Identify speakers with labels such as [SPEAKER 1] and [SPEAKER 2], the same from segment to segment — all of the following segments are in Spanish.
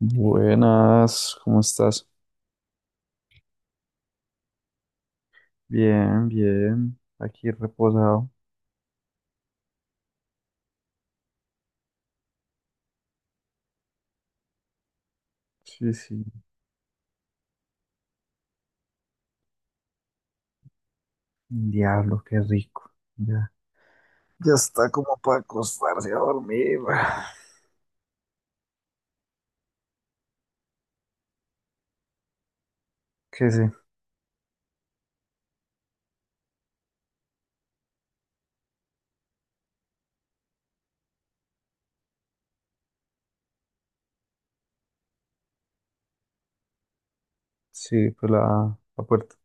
[SPEAKER 1] Buenas, ¿cómo estás? Bien, bien, aquí reposado. Sí, sí. Diablo, qué rico. Ya. Ya está como para acostarse a dormir. ¿Qué sé? Sí, pues la puerta.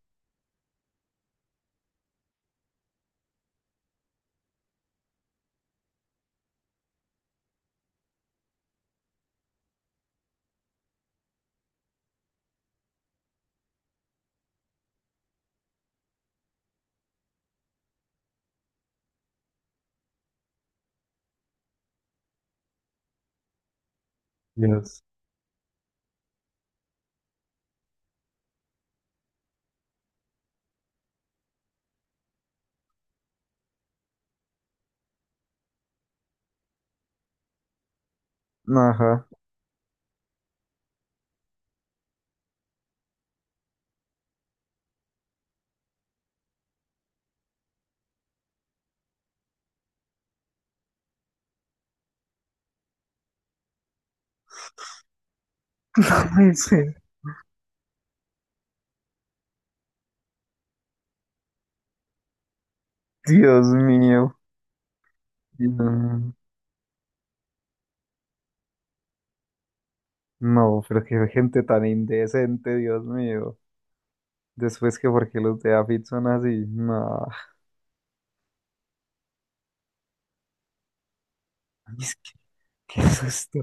[SPEAKER 1] Dios. Ajá. Ay, sí. Dios mío. No, no, pero qué gente tan indecente, Dios mío. Después que porque los de Afit son así. No. Es que qué susto.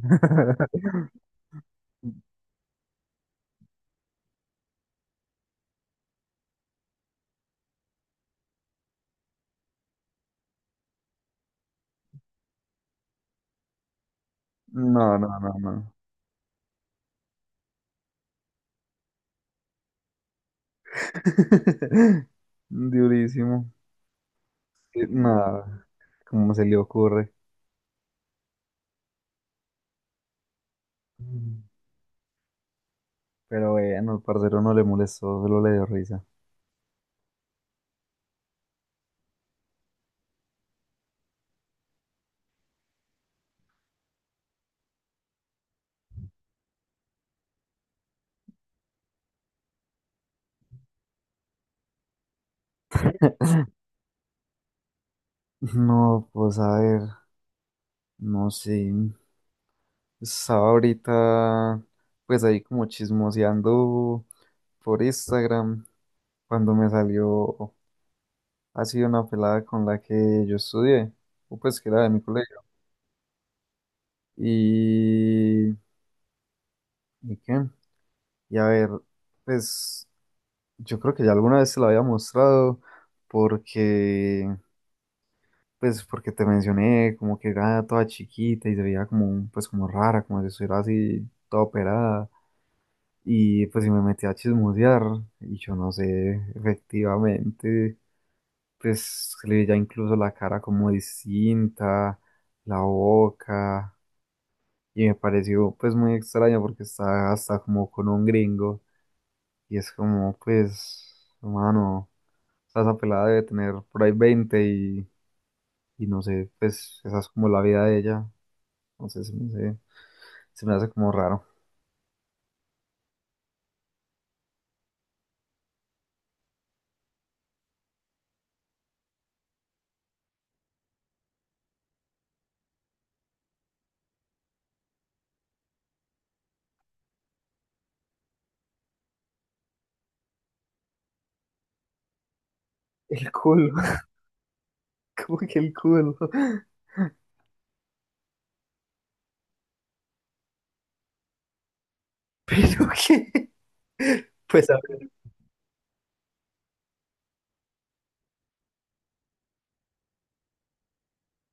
[SPEAKER 1] No, no, no, no. Durísimo. Nada, ¿cómo se le ocurre? Mm. Pero bueno, el parcero no le molestó, solo le dio risa. No, pues a ver, no sé. Estaba ahorita, pues ahí como chismoseando por Instagram, cuando me salió así una pelada con la que yo estudié, o pues que era de mi colegio. Y, ¿y qué? Y a ver, pues. Yo creo que ya alguna vez te la había mostrado porque, porque te mencioné como que era toda chiquita y se veía como, pues, como rara, como si estuviera así toda operada. Y pues, si me metí a chismosear y yo no sé, efectivamente, pues, se le veía incluso la cara como distinta, la boca. Y me pareció, pues, muy extraño porque está hasta como con un gringo y es como, pues, humano. Sea, esa pelada debe tener por ahí 20 y no sé, pues esa es como la vida de ella. Entonces hace, se me hace como raro. El culo, como que el culo. Pero que, pues a ver,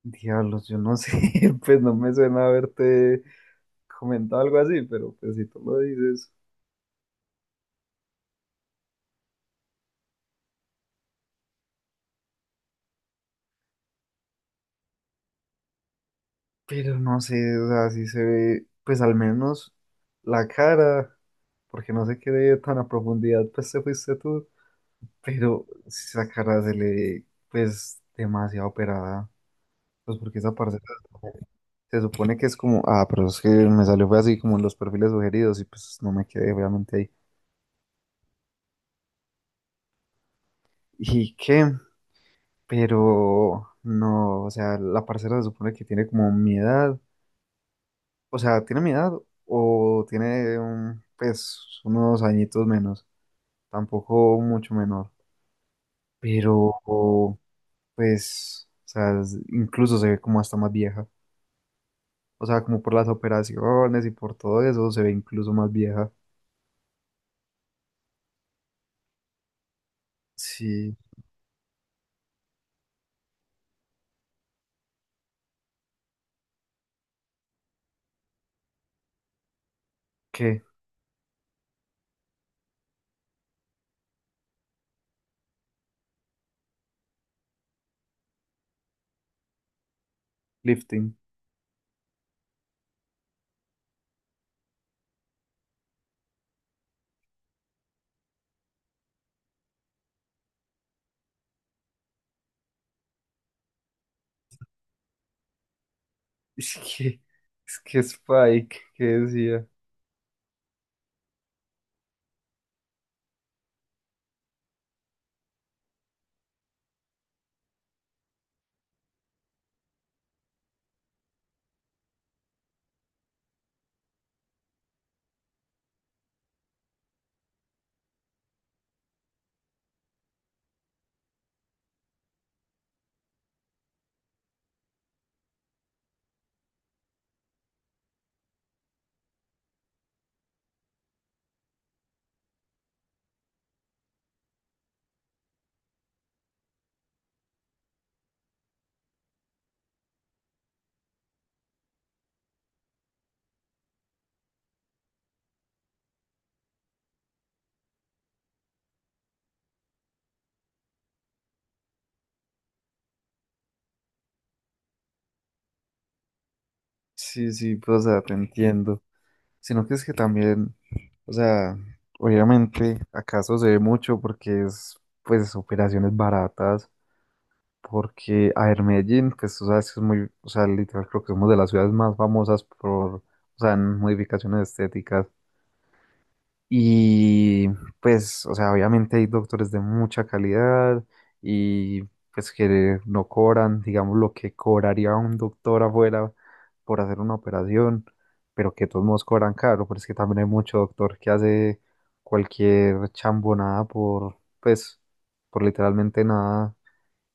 [SPEAKER 1] diablos, yo no sé, pues no me suena haberte comentado algo así, pero pues si tú lo dices. Pero no sé, o sea, si se ve, pues al menos la cara, porque no sé qué de tan a profundidad, pues te fuiste tú. Pero si esa cara se le, pues, demasiado operada. Pues porque esa parte se supone que es como, ah, pero es que me salió fue así como en los perfiles sugeridos y pues no me quedé obviamente ahí. ¿Y qué? Pero no, o sea, la parcera se supone que tiene como mi edad, o sea, tiene mi edad o tiene pues unos añitos menos, tampoco mucho menor, pero pues, o sea, incluso se ve como hasta más vieja. O sea, como por las operaciones y por todo eso, se ve incluso más vieja. Sí, ¿qué? Lifting. Es que, es que Spike, ¿qué decía? Sí, sí, pues, o sea, te entiendo. Sino que es que también, o sea, obviamente, acaso se ve mucho porque es, pues, operaciones baratas. Porque, a ver, Medellín, pues, tú sabes que es muy, o sea, literal, creo que somos de las ciudades más famosas por, o sea, en modificaciones estéticas. Y pues, o sea, obviamente hay doctores de mucha calidad y pues que no cobran, digamos, lo que cobraría un doctor afuera por hacer una operación, pero que de todos modos cobran caro, pero es que también hay mucho doctor que hace cualquier chambonada por literalmente nada.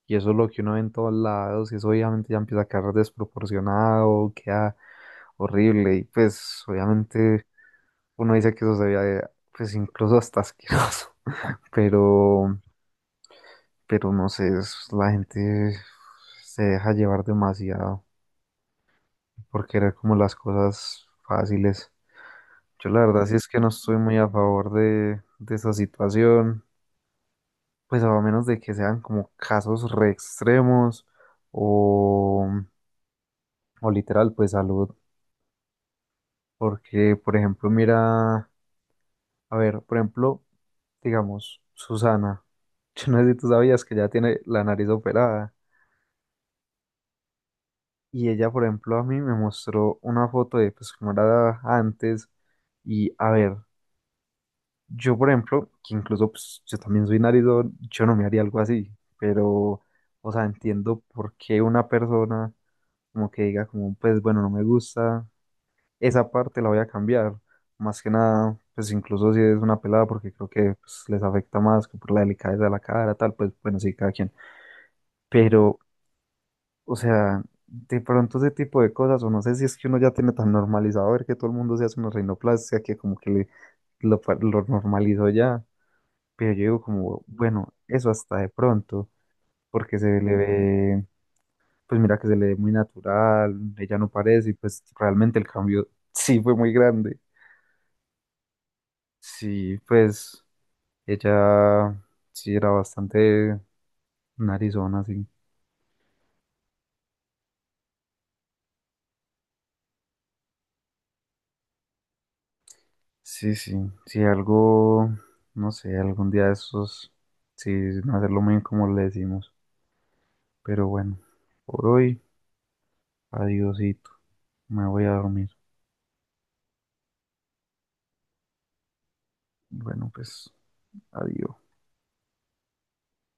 [SPEAKER 1] Y eso es lo que uno ve en todos lados, y eso obviamente ya empieza a quedar desproporcionado, queda horrible, y pues obviamente uno dice que eso se veía, pues incluso hasta asqueroso, pero, pero no sé, la gente se deja llevar demasiado por querer como las cosas fáciles. Yo la verdad sí es que no estoy muy a favor de esa situación, pues a menos de que sean como casos re extremos o, o literal, pues salud, porque por ejemplo, mira. A ver, por ejemplo, digamos, Susana. Yo no sé si tú sabías que ya tiene la nariz operada. Y ella, por ejemplo, a mí me mostró una foto de pues cómo era antes. Y a ver, yo, por ejemplo, que incluso pues yo también soy narizón, yo no me haría algo así. Pero, o sea, entiendo por qué una persona como que diga como, pues bueno, no me gusta. Esa parte la voy a cambiar. Más que nada, pues incluso si es una pelada, porque creo que pues, les afecta más que por la delicadeza de la cara, tal, pues bueno, sí, cada quien. Pero, o sea, de pronto ese tipo de cosas, o no sé si es que uno ya tiene tan normalizado ver que todo el mundo se hace una rinoplastia, que como que lo normalizó ya. Pero yo digo como, bueno, eso hasta de pronto, porque se le ve, pues mira que se le ve muy natural, ella no parece, y pues realmente el cambio sí fue muy grande. Sí, pues. Ella sí era bastante narizona, sí. Sí, sí, sí, algo, no sé, algún día de esos, sí, hacerlo muy como le decimos. Pero bueno, por hoy, adiosito, me voy a dormir. Bueno, pues, adiós.